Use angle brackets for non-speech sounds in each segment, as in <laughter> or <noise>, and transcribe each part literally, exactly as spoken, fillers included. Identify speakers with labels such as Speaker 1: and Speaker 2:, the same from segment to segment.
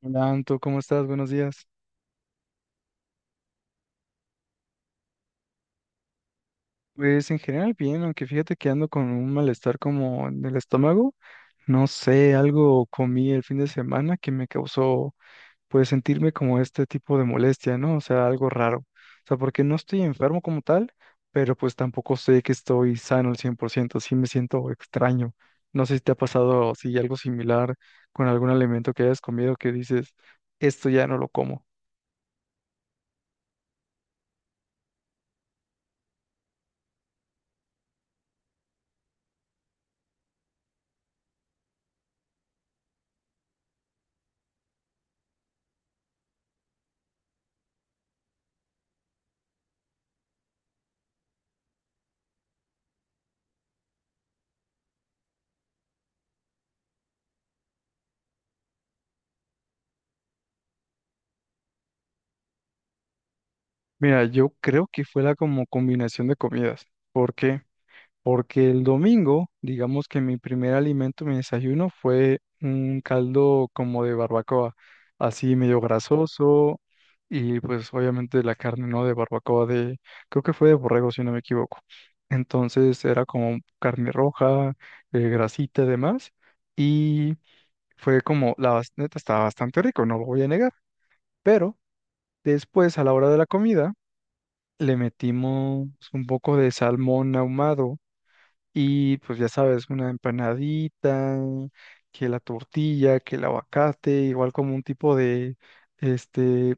Speaker 1: Hola, Anto, ¿cómo estás? Buenos días. Pues en general bien, aunque fíjate que ando con un malestar como en el estómago. No sé, algo comí el fin de semana que me causó pues sentirme como este tipo de molestia, ¿no? O sea, algo raro. O sea, porque no estoy enfermo como tal, pero pues tampoco sé que estoy sano al cien por ciento. Sí me siento extraño. No sé si te ha pasado si algo similar con algún alimento que hayas comido que dices, esto ya no lo como. Mira, yo creo que fue la como combinación de comidas. ¿Por qué? Porque el domingo, digamos que mi primer alimento, mi desayuno, fue un caldo como de barbacoa, así medio grasoso y pues obviamente la carne, ¿no? De barbacoa de, creo que fue de borrego, si no me equivoco. Entonces era como carne roja, eh, grasita y demás. Y fue como, la bas- neta estaba bastante rico, no lo voy a negar. Pero después, a la hora de la comida, le metimos un poco de salmón ahumado y pues ya sabes, una empanadita, que la tortilla, que el aguacate, igual como un tipo de este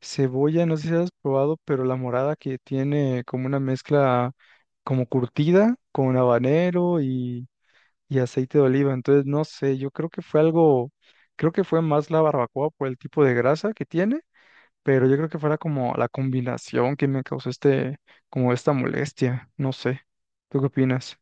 Speaker 1: cebolla, no sé si has probado, pero la morada que tiene como una mezcla como curtida con habanero y, y aceite de oliva. Entonces, no sé, yo creo que fue algo, creo que fue más la barbacoa por el tipo de grasa que tiene, pero yo creo que fuera como la combinación que me causó este, como esta molestia, no sé. ¿Tú qué opinas?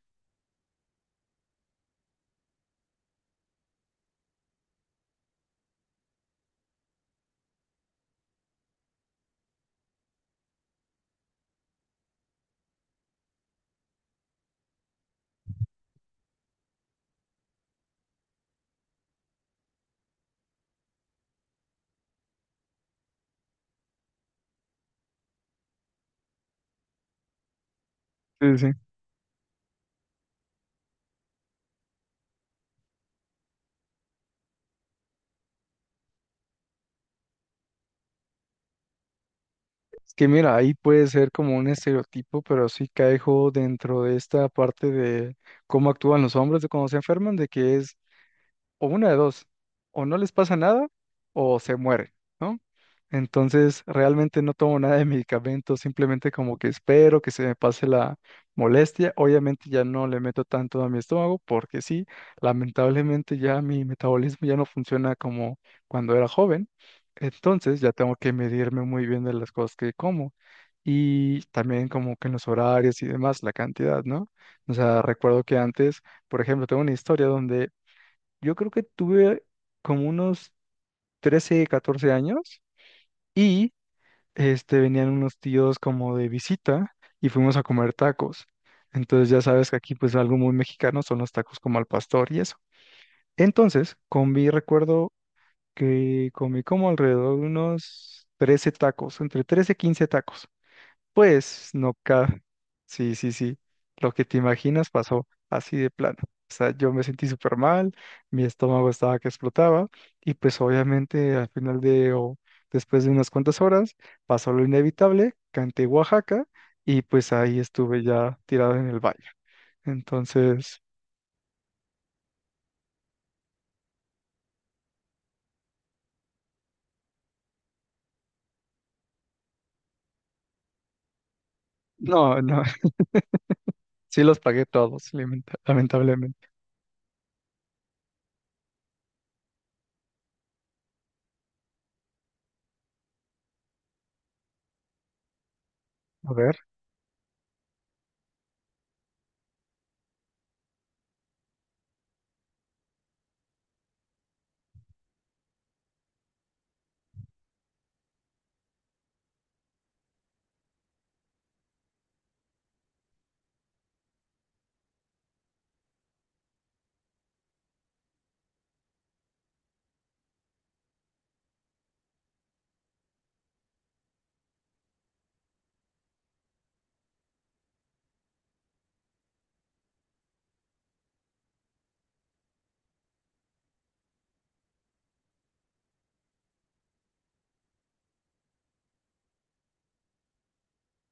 Speaker 1: Sí, sí. Es que mira, ahí puede ser como un estereotipo, pero sí caigo dentro de esta parte de cómo actúan los hombres de cuando se enferman, de que es o una de dos, o no les pasa nada o se mueren, ¿no? Entonces, realmente no tomo nada de medicamento, simplemente como que espero que se me pase la molestia. Obviamente ya no le meto tanto a mi estómago porque sí, lamentablemente ya mi metabolismo ya no funciona como cuando era joven. Entonces, ya tengo que medirme muy bien de las cosas que como, y también como que en los horarios y demás, la cantidad, ¿no? O sea, recuerdo que antes, por ejemplo, tengo una historia donde yo creo que tuve como unos trece, catorce años y este, venían unos tíos como de visita y fuimos a comer tacos. Entonces ya sabes que aquí pues algo muy mexicano son los tacos como al pastor y eso. Entonces comí, recuerdo que comí como alrededor de unos trece tacos, entre trece y quince tacos. Pues no cabe. Sí, sí, sí. Lo que te imaginas pasó así de plano. O sea, yo me sentí súper mal, mi estómago estaba que explotaba y pues obviamente al final de o después de unas cuantas horas pasó lo inevitable, canté Oaxaca y pues ahí estuve ya tirado en el baño. Entonces, no, no, <laughs> sí los pagué todos, lamenta- lamentablemente. A ver,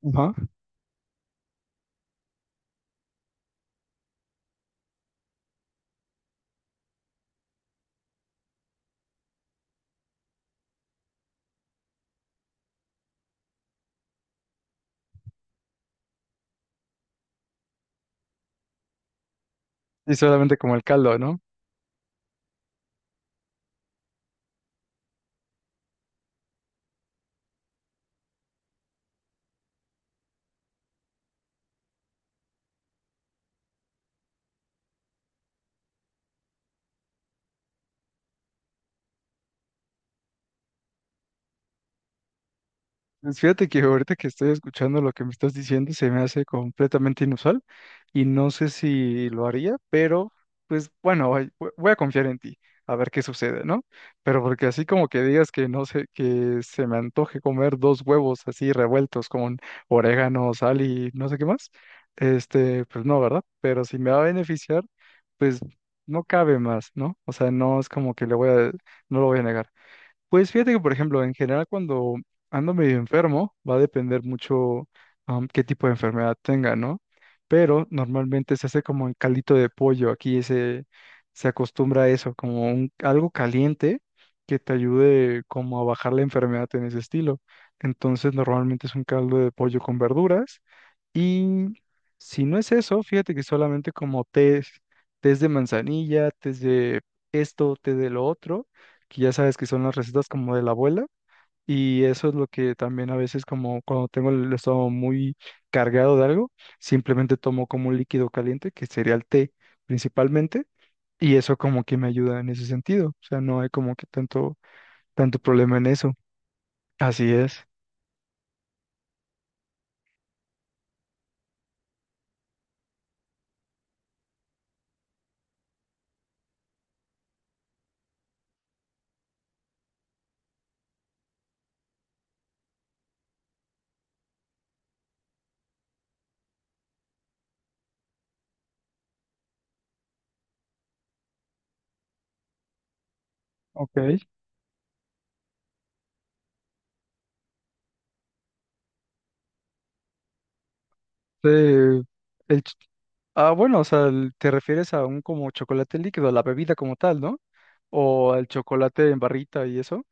Speaker 1: ajá. Y solamente como el caldo, ¿no? Pues fíjate que ahorita que estoy escuchando lo que me estás diciendo se me hace completamente inusual y no sé si lo haría, pero pues bueno, ay, vo- voy a confiar en ti, a ver qué sucede, ¿no? Pero porque así como que digas que no sé, que se me antoje comer dos huevos así revueltos con orégano, sal y no sé qué más, este, pues no, ¿verdad? Pero si me va a beneficiar, pues no cabe más, ¿no? O sea, no es como que le voy a, no lo voy a negar. Pues fíjate que, por ejemplo, en general cuando ando medio enfermo, va a depender mucho am, qué tipo de enfermedad tenga, ¿no? Pero normalmente se hace como el caldito de pollo, aquí se, se acostumbra a eso, como un, algo caliente que te ayude como a bajar la enfermedad en ese estilo. Entonces normalmente es un caldo de pollo con verduras y si no es eso, fíjate que solamente como tés, tés de manzanilla, tés de esto, té de lo otro, que ya sabes que son las recetas como de la abuela, y eso es lo que también a veces como cuando tengo el estómago muy cargado de algo, simplemente tomo como un líquido caliente, que sería el té principalmente, y eso como que me ayuda en ese sentido, o sea, no hay como que tanto, tanto problema en eso. Así es, ok. Eh, el ch- ah, bueno, o sea, el- te refieres a un como chocolate líquido, a la bebida como tal, ¿no? O al chocolate en barrita y eso.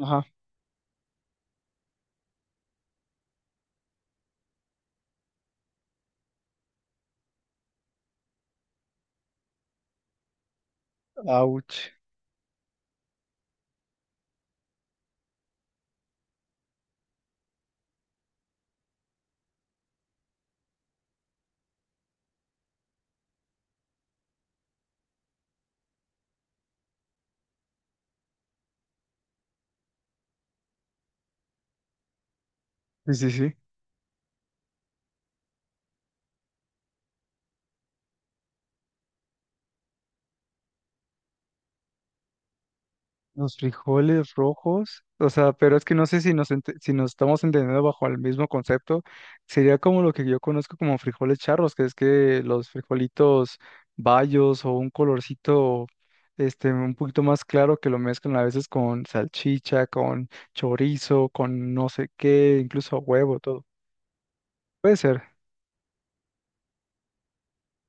Speaker 1: Ajá, ouch. Sí, sí, sí. Los frijoles rojos, o sea, pero es que no sé si nos, ente- si nos estamos entendiendo bajo el mismo concepto. Sería como lo que yo conozco como frijoles charros, que es que los frijolitos bayos o un colorcito este, un poquito más claro, que lo mezclan a veces con salchicha, con chorizo, con no sé qué, incluso huevo, todo. Puede ser.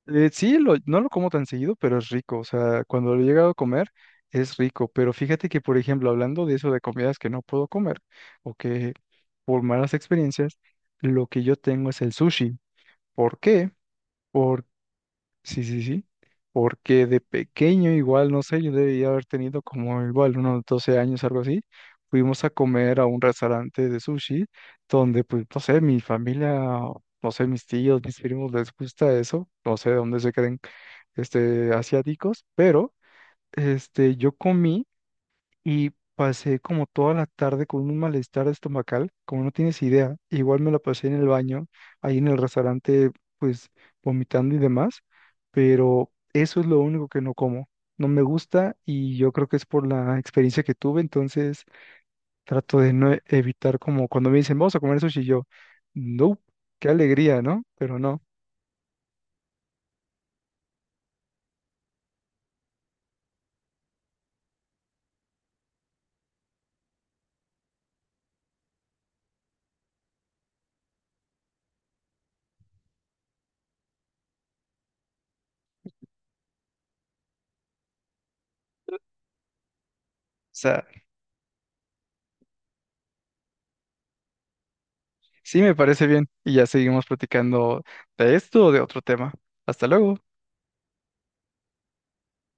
Speaker 1: Eh, sí, lo- no lo como tan seguido, pero es rico. O sea, cuando lo he llegado a comer, es rico. Pero fíjate que, por ejemplo, hablando de eso de comidas que no puedo comer o que por malas experiencias, lo que yo tengo es el sushi. ¿Por qué? Por... Sí, sí, sí. Porque de pequeño, igual, no sé, yo debía haber tenido como igual unos doce años, algo así. Fuimos a comer a un restaurante de sushi donde, pues, no sé, mi familia, no sé, mis tíos, mis primos les gusta eso. No sé de dónde se creen este, asiáticos, pero este, yo comí y pasé como toda la tarde con un malestar estomacal, como no tienes idea. Igual me la pasé en el baño, ahí en el restaurante, pues vomitando y demás, pero eso es lo único que no como. No me gusta y yo creo que es por la experiencia que tuve, entonces trato de no e- evitar como cuando me dicen, vamos a comer sushi, yo, no, qué alegría, ¿no? Pero no. O sea, sí, me parece bien. Y ya seguimos platicando de esto o de otro tema. Hasta luego.